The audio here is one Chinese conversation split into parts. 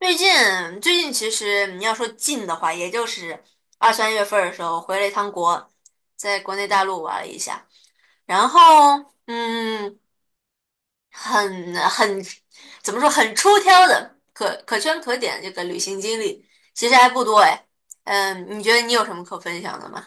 最近最近其实你要说近的话，也就是二三月份儿的时候回了一趟国，在国内大陆玩了一下，然后很怎么说很出挑的可圈可点的这个旅行经历，其实还不多哎。你觉得你有什么可分享的吗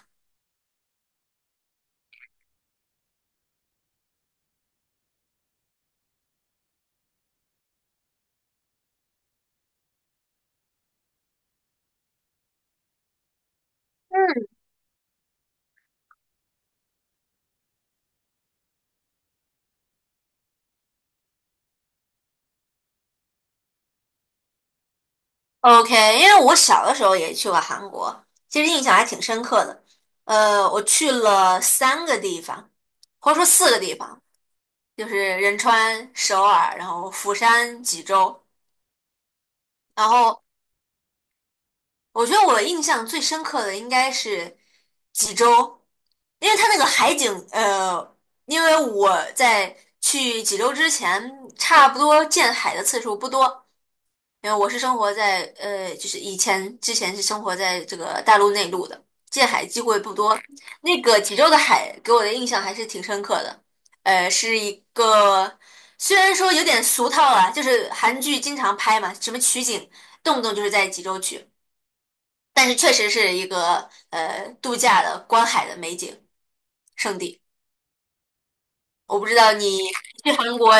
？OK，因为我小的时候也去过韩国，其实印象还挺深刻的。我去了三个地方，或者说四个地方。就是仁川、首尔，然后釜山、济州，然后我觉得我印象最深刻的应该是济州，因为它那个海景，因为我在去济州之前，差不多见海的次数不多，因为我是生活在就是以前之前是生活在这个大陆内陆的，见海机会不多。那个济州的海给我的印象还是挺深刻的，是一个虽然说有点俗套啊，就是韩剧经常拍嘛，什么取景动不动就是在济州取，但是确实是一个度假的观海的美景圣地。我不知道你 去韩国。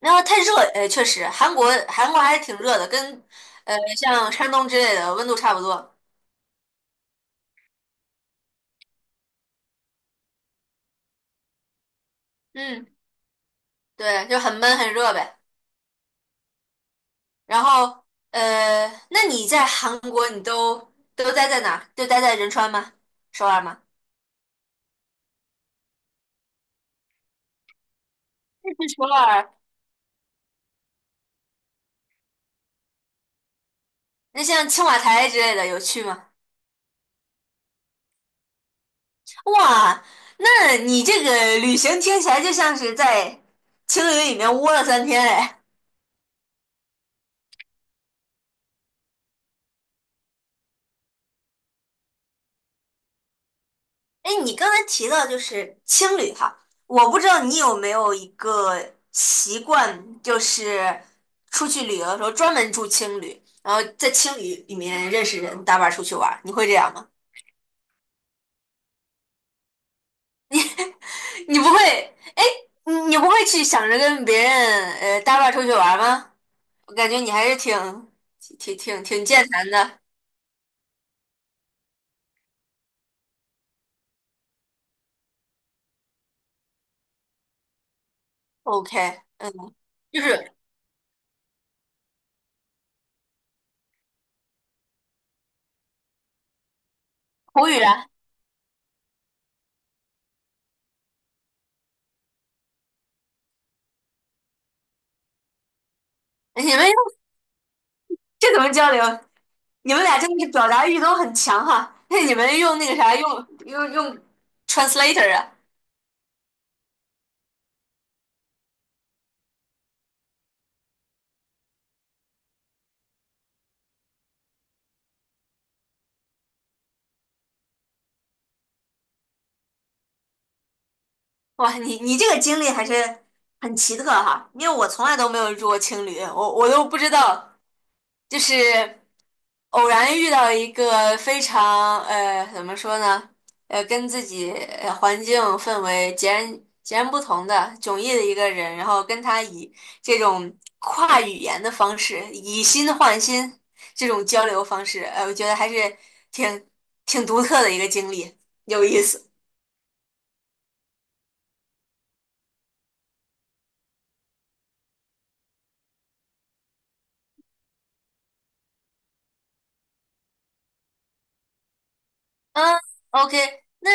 然后太热，确实，韩国还是挺热的，跟像山东之类的温度差不多。嗯，对，就很闷很热呗。然后那你在韩国你都待在哪儿？就待在仁川吗？首尔吗？是首尔。那像青瓦台之类的有去吗？哇，那你这个旅行听起来就像是在青旅里面窝了3天嘞。哎，你刚才提到就是青旅哈，我不知道你有没有一个习惯，就是出去旅游的时候专门住青旅，然后在青旅里面认识人，搭伴儿出去玩儿，你会这样吗？你不会，你不会去想着跟别人搭伴儿出去玩儿吗？我感觉你还是挺健谈的。OK，就是口语啊，你们这怎么交流？你们俩真的是表达欲都很强哈。那你们用那个啥，用 translator 啊？哇，你这个经历还是很奇特哈，因为我从来都没有住过青旅，我都不知道，就是。偶然遇到一个非常怎么说呢，跟自己环境氛围截然不同的迥异的一个人，然后跟他以这种跨语言的方式以心换心这种交流方式，我觉得还是挺挺独特的一个经历，有意思。嗯，OK，那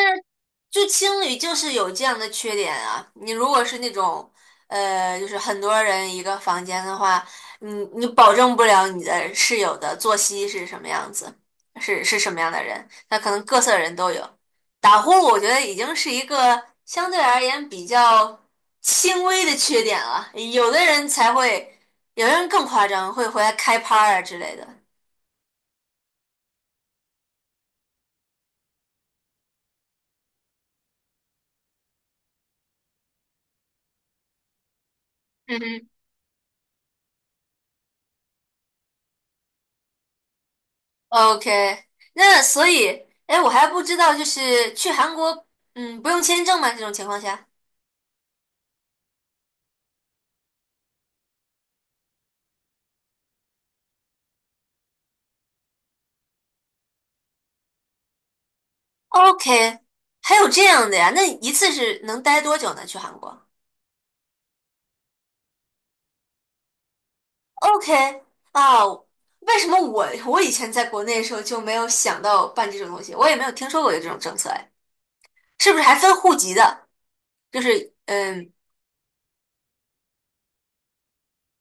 就青旅就是有这样的缺点啊。你如果是那种，就是很多人一个房间的话，你保证不了你的室友的作息是什么样子，是什么样的人，那可能各色人都有。打呼噜，我觉得已经是一个相对而言比较轻微的缺点了，有的人才会，有的人更夸张，会回来开趴啊之类的。嗯。OK，那所以，哎，我还不知道，就是去韩国，不用签证吗？这种情况下，OK，还有这样的呀？那一次是能待多久呢？去韩国？OK，啊，为什么我以前在国内的时候就没有想到办这种东西？我也没有听说过有这种政策，哎，是不是还分户籍的？就是，嗯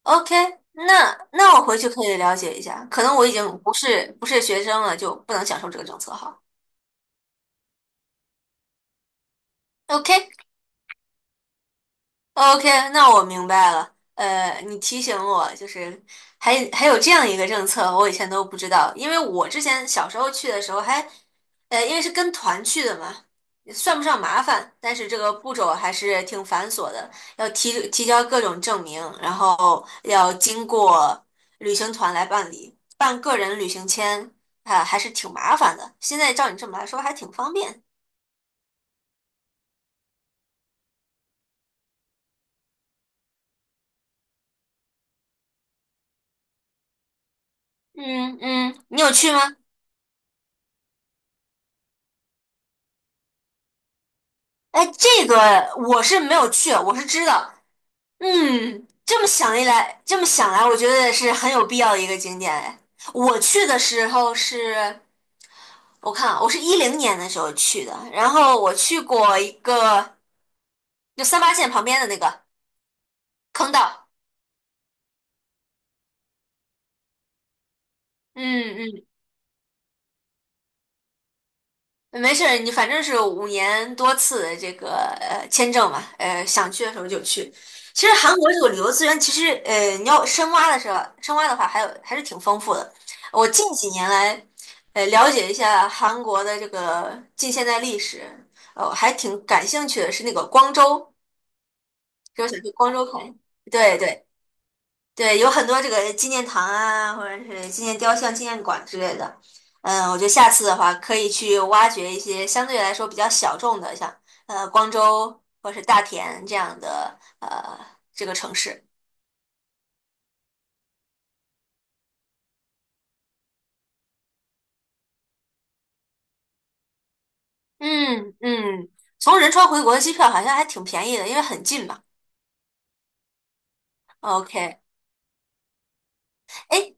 ，OK，那我回去可以了解一下，可能我已经不是学生了，就不能享受这个政策哈。OK，OK，那我明白了。你提醒我，就是还有这样一个政策，我以前都不知道。因为我之前小时候去的时候还，因为是跟团去的嘛，算不上麻烦，但是这个步骤还是挺繁琐的，要提交各种证明，然后要经过旅行团来办理，办个人旅行签，啊，还是挺麻烦的。现在照你这么来说，还挺方便。嗯嗯，你有去吗？哎，这个我是没有去，我是知道。这么想来，我觉得是很有必要的一个景点。哎，我去的时候是，我看啊，我是2010年的时候去的，然后我去过一个，就三八线旁边的那个坑道。嗯嗯，没事儿，你反正是5年多次的这个签证嘛，想去的时候就去。其实韩国这个旅游资源，其实你要深挖的时候，深挖的话还有还是挺丰富的。我近几年来，了解一下韩国的这个近现代历史，我还挺感兴趣的是那个光州，就想去光州看。对对，对，有很多这个纪念堂啊，或者是纪念雕像、纪念馆之类的。我觉得下次的话可以去挖掘一些相对来说比较小众的，像光州或是大田这样的这个城市。嗯嗯，从仁川回国的机票好像还挺便宜的，因为很近嘛。OK，哎，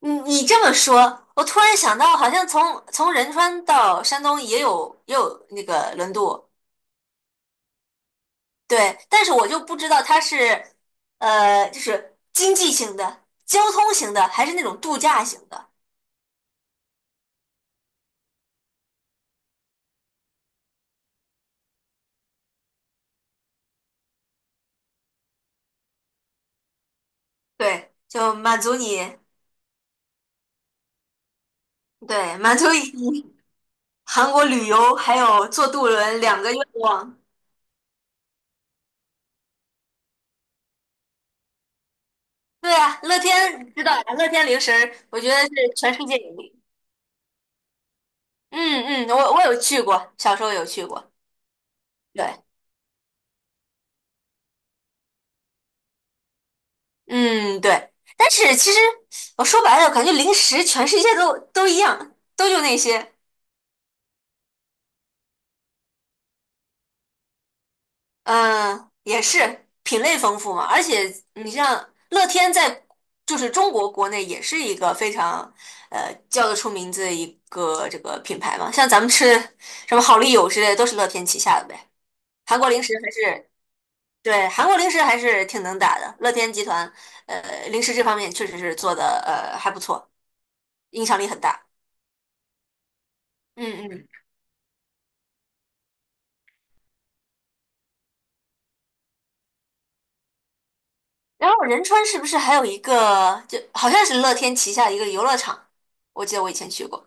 你这么说，我突然想到，好像从仁川到山东也有那个轮渡，对，但是我就不知道它是，就是经济型的、交通型的，还是那种度假型的。对，就满足你，对，满足你韩国旅游还有坐渡轮两个愿望。对啊，乐天知道呀，乐天零食儿我觉得是全世界有名。嗯嗯，我有去过，小时候有去过。对，嗯对，但是其实我说白了，感觉零食全世界都一样，都就那些。嗯，也是品类丰富嘛，而且你像乐天在就是中国国内也是一个非常叫得出名字的一个这个品牌嘛，像咱们吃什么好丽友之类的都是乐天旗下的呗。韩国零食还是对韩国零食还是挺能打的，乐天集团零食这方面确实是做的还不错，影响力很大。嗯嗯，然后仁川是不是还有一个就好像是乐天旗下的一个游乐场？我记得我以前去过。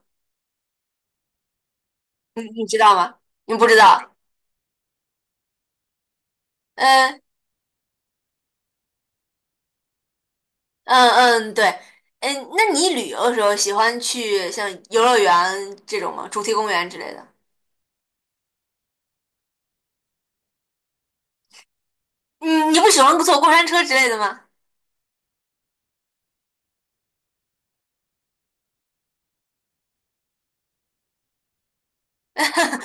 你知道吗？你不知道？嗯嗯嗯，对，那你旅游的时候喜欢去像游乐园这种吗？主题公园之类的？嗯，你不喜欢坐过山车之类的吗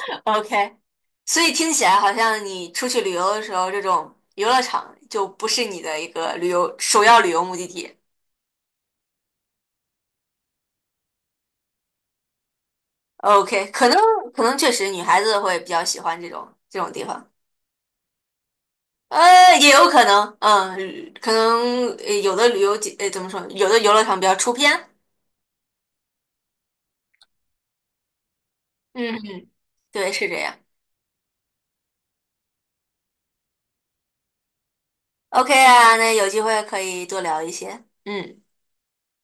？OK，所以听起来好像你出去旅游的时候，这种游乐场就不是你的一个旅游首要旅游目的地。OK，可能确实女孩子会比较喜欢这种地方，也有可能，可能有的旅游景，怎么说，有的游乐场比较出片。嗯。对，是这样。OK 啊，那有机会可以多聊一些。嗯。